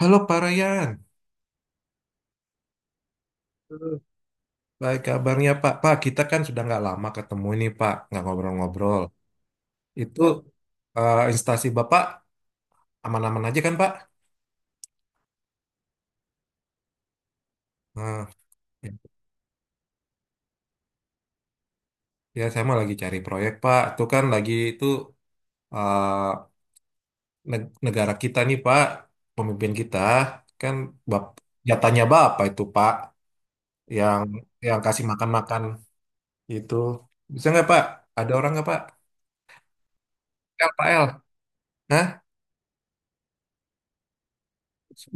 Halo Pak Ryan. Halo. Baik kabarnya Pak. Pak, kita kan sudah nggak lama ketemu ini Pak, nggak ngobrol-ngobrol. Itu instansi Bapak aman-aman aja kan Pak? Nah, ya ya, saya mah lagi cari proyek Pak. Itu kan lagi itu, eh, negara kita nih Pak, pemimpin kita kan bap jatahnya Bapak itu Pak, yang yang kasih makan-makan itu. Bisa nggak Pak? Ada orang nggak Pak? L, P L. Hah?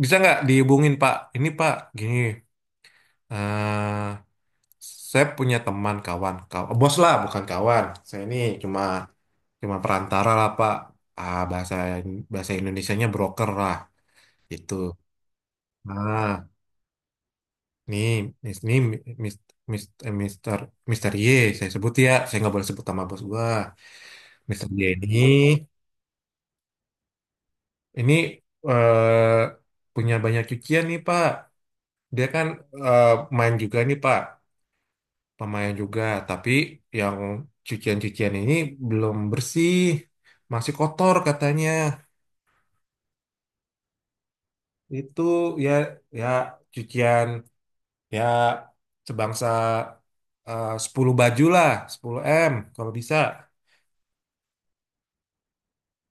Bisa nggak dihubungin Pak? Ini Pak, gini, eh saya punya teman kawan, bos lah, bukan kawan. Saya ini cuma cuma perantara lah Pak. Ah, bahasa bahasa Indonesianya broker lah, itu. Nah, nih, nih, mis, mis, eh, Mister Mister Y, saya sebut ya, saya nggak boleh sebut nama bos gua. Mister Y ini eh punya banyak cucian nih Pak. Dia kan, eh, main juga nih Pak. Lumayan juga. Tapi yang cucian-cucian ini belum bersih, masih kotor katanya. Itu ya ya cucian, ya sebangsa 10 baju lah, sepuluh m kalau bisa.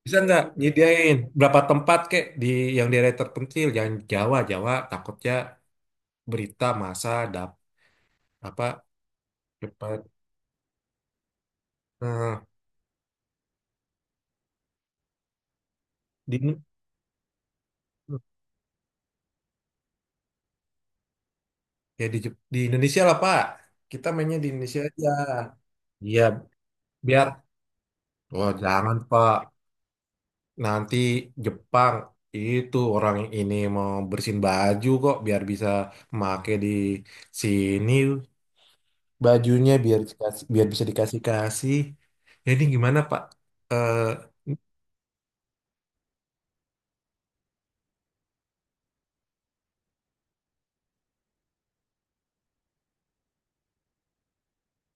Bisa nggak nyediain berapa tempat kek di yang daerah terpencil? Jangan Jawa, Jawa takutnya berita masa dap apa cepat. Nah, di ya di, di Indonesia lah Pak. Kita mainnya di Indonesia aja. Iya, biar Wah, jangan Pak. Nanti Jepang itu orang ini mau bersihin baju kok biar bisa make di sini bajunya, biar dikasih, biar bisa dikasih-kasih. Jadi gimana Pak? Eh,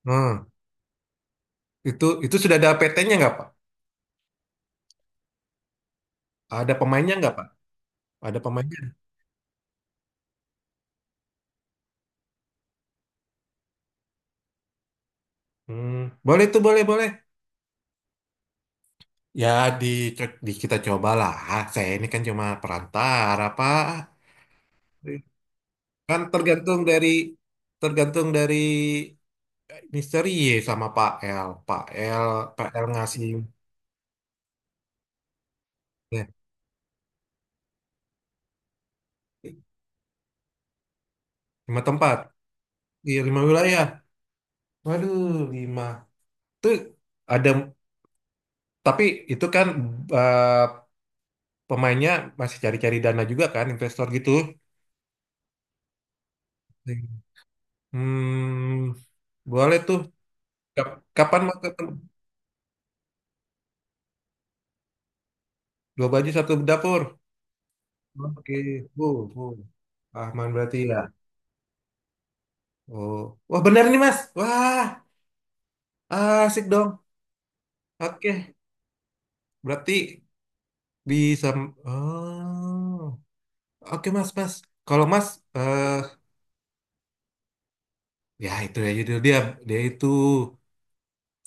nah, itu sudah ada PT-nya nggak Pak? Ada pemainnya nggak Pak? Ada pemainnya? Hmm, boleh tuh, boleh boleh. Ya di, di kita cobalah. Saya ini kan cuma perantara Pak. Kan tergantung dari misteri sama Pak L. Pak L, Pak L ngasih ya, lima tempat di lima wilayah. Waduh, lima. Tuh ada tapi itu kan, eh, pemainnya masih cari-cari dana juga kan, investor gitu. Hmm, boleh tuh. Kapan mau ketemu? Dua baju satu dapur. Oke, Bu, Bu. Ahman berarti ya. Oh, wah benar nih Mas. Wah, asik dong. Oke, berarti bisa. Oh, oke mas, mas. Kalau mas, eh ya itu ya judul dia. Dia itu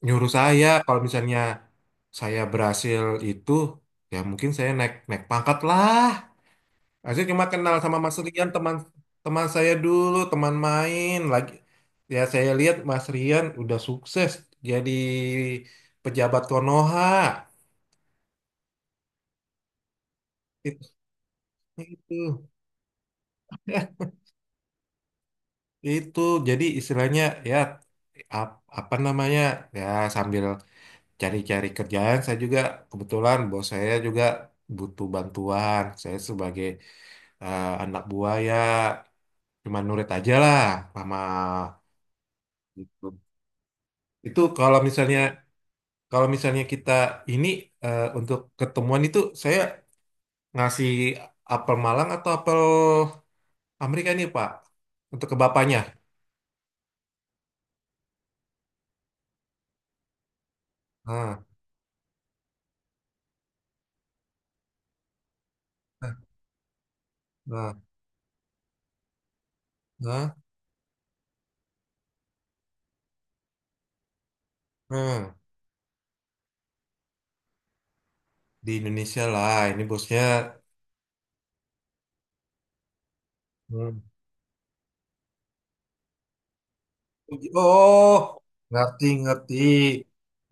nyuruh saya. Kalau misalnya saya berhasil itu, ya mungkin saya naik naik pangkat lah. Saya cuma kenal sama Mas Rian, teman teman saya dulu, teman main lagi. Ya saya lihat Mas Rian udah sukses jadi pejabat Konoha. Itu. Itu. Itu jadi istilahnya ya apa namanya ya sambil cari-cari kerjaan saya juga, kebetulan bos saya juga butuh bantuan. Saya sebagai anak buah ya cuma nurut aja lah sama gitu. Itu kalau misalnya kita ini, untuk ketemuan itu saya ngasih apel Malang atau apel Amerika nih Pak untuk ke bapaknya. Nah, nah, nah, nah. Nah. Di Indonesia lah ini bosnya. Hmm. Oh, ngerti ngerti.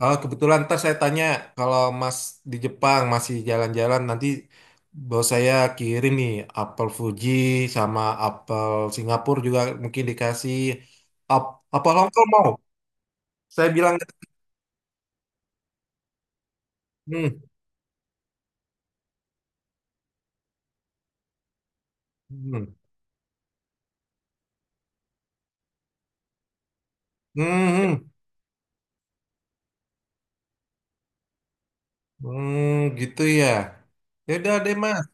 Oh, kebetulan ntar saya tanya, kalau Mas di Jepang masih jalan-jalan nanti bos saya kirim nih apel Fuji sama apel Singapura juga mungkin dikasih. Ap apel Hongkong mau saya bilang. Hmm. Hmm. Hmm, hmm. Hmm, gitu ya, ya udah deh Mas.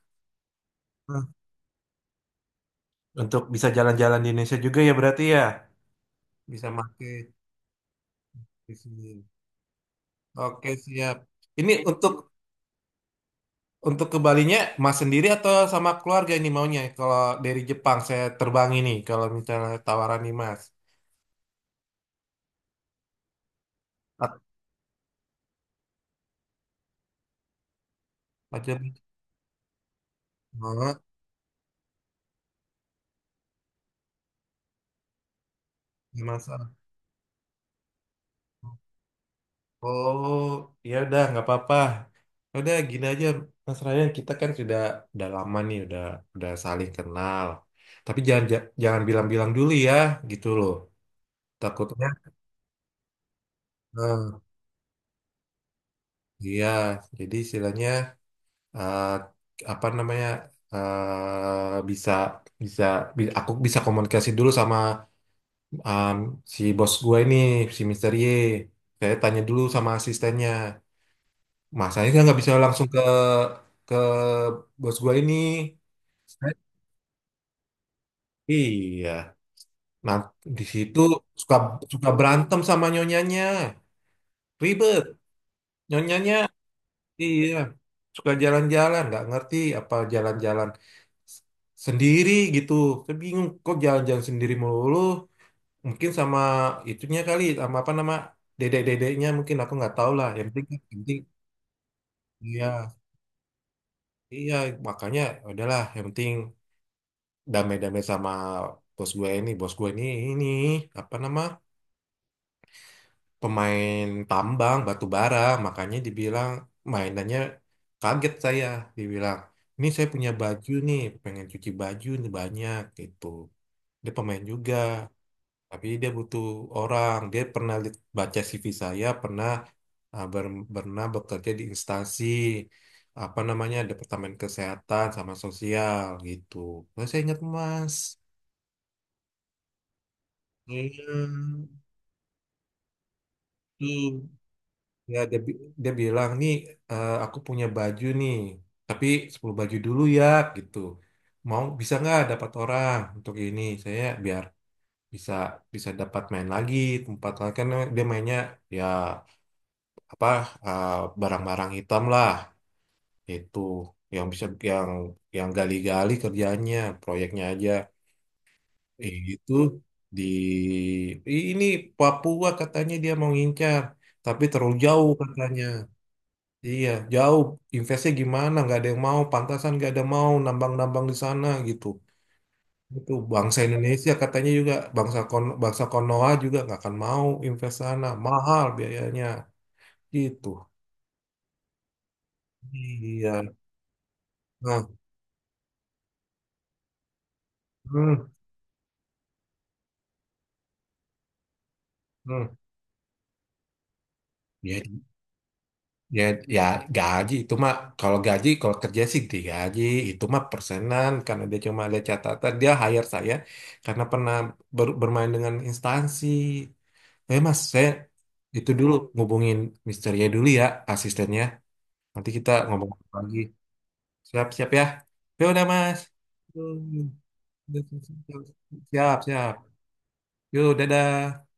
Nah, untuk bisa jalan-jalan di Indonesia juga ya berarti ya bisa pakai di sini. Oke, siap. Ini untuk ke Balinya Mas sendiri atau sama keluarga ini maunya? Kalau dari Jepang saya terbang ini kalau misalnya tawaran nih Mas. A- Aja oh, Mas. Oh, ya udah nggak apa-apa. Ya udah gini aja Mas Ryan, kita kan sudah udah lama nih, udah saling kenal. Tapi jangan jangan bilang-bilang dulu ya, gitu loh. Takutnya. eh, iya, jadi istilahnya, eh, apa namanya, bisa bisa aku bisa komunikasi dulu sama, um, si bos gue ini, si Mister Y. Saya tanya dulu sama asistennya, masanya nggak bisa langsung ke bos gue ini. Saya- iya nah di situ suka suka berantem sama nyonyanya, ribet nyonyanya. Iya suka jalan-jalan nggak ngerti apa jalan-jalan sendiri gitu. Saya bingung kok jalan-jalan sendiri melulu. Mungkin sama itunya kali, sama apa nama dedek-dedeknya, mungkin aku nggak tahu lah. Yang penting iya, iya makanya udahlah. Yang penting damai-damai sama bos gue ini apa nama pemain tambang batu bara. Makanya dibilang mainannya kaget saya, dibilang ini saya punya baju nih, pengen cuci baju nih banyak gitu. Dia pemain juga. Tapi dia butuh orang. Dia pernah baca CV saya, pernah pernah bekerja di instansi apa namanya Departemen Kesehatan sama Sosial gitu. Terus saya ingat Mas. Iya, tuh. Ya dia, dia bilang nih, aku punya baju nih, tapi 10 baju dulu ya gitu. Mau bisa nggak dapat orang untuk ini? Saya biar bisa bisa dapat main lagi tempat lain kan, dia mainnya ya apa, eh, barang-barang hitam lah itu, yang bisa yang yang gali-gali kerjanya proyeknya aja. Eh, itu di ini Papua katanya dia mau ngincar tapi terlalu jauh katanya. Iya jauh, investnya gimana, nggak ada yang mau, pantasan nggak ada mau nambang-nambang di sana gitu. Itu bangsa Indonesia katanya juga bangsa kon bangsa Konoha juga nggak akan mau invest sana, mahal biayanya gitu. Iya nah. Hmm. Hmm. Ya, ya, ya gaji itu mah, kalau gaji kalau kerja sih digaji, itu mah persenan karena dia cuma ada catatan dia hire saya karena pernah bermain dengan instansi. Eh mas, saya itu dulu ngubungin Mister ya dulu ya, asistennya, nanti kita ngomong lagi, siap-siap ya. Ya udah mas. Yuk, siap siap. Siap. Yuk dadah.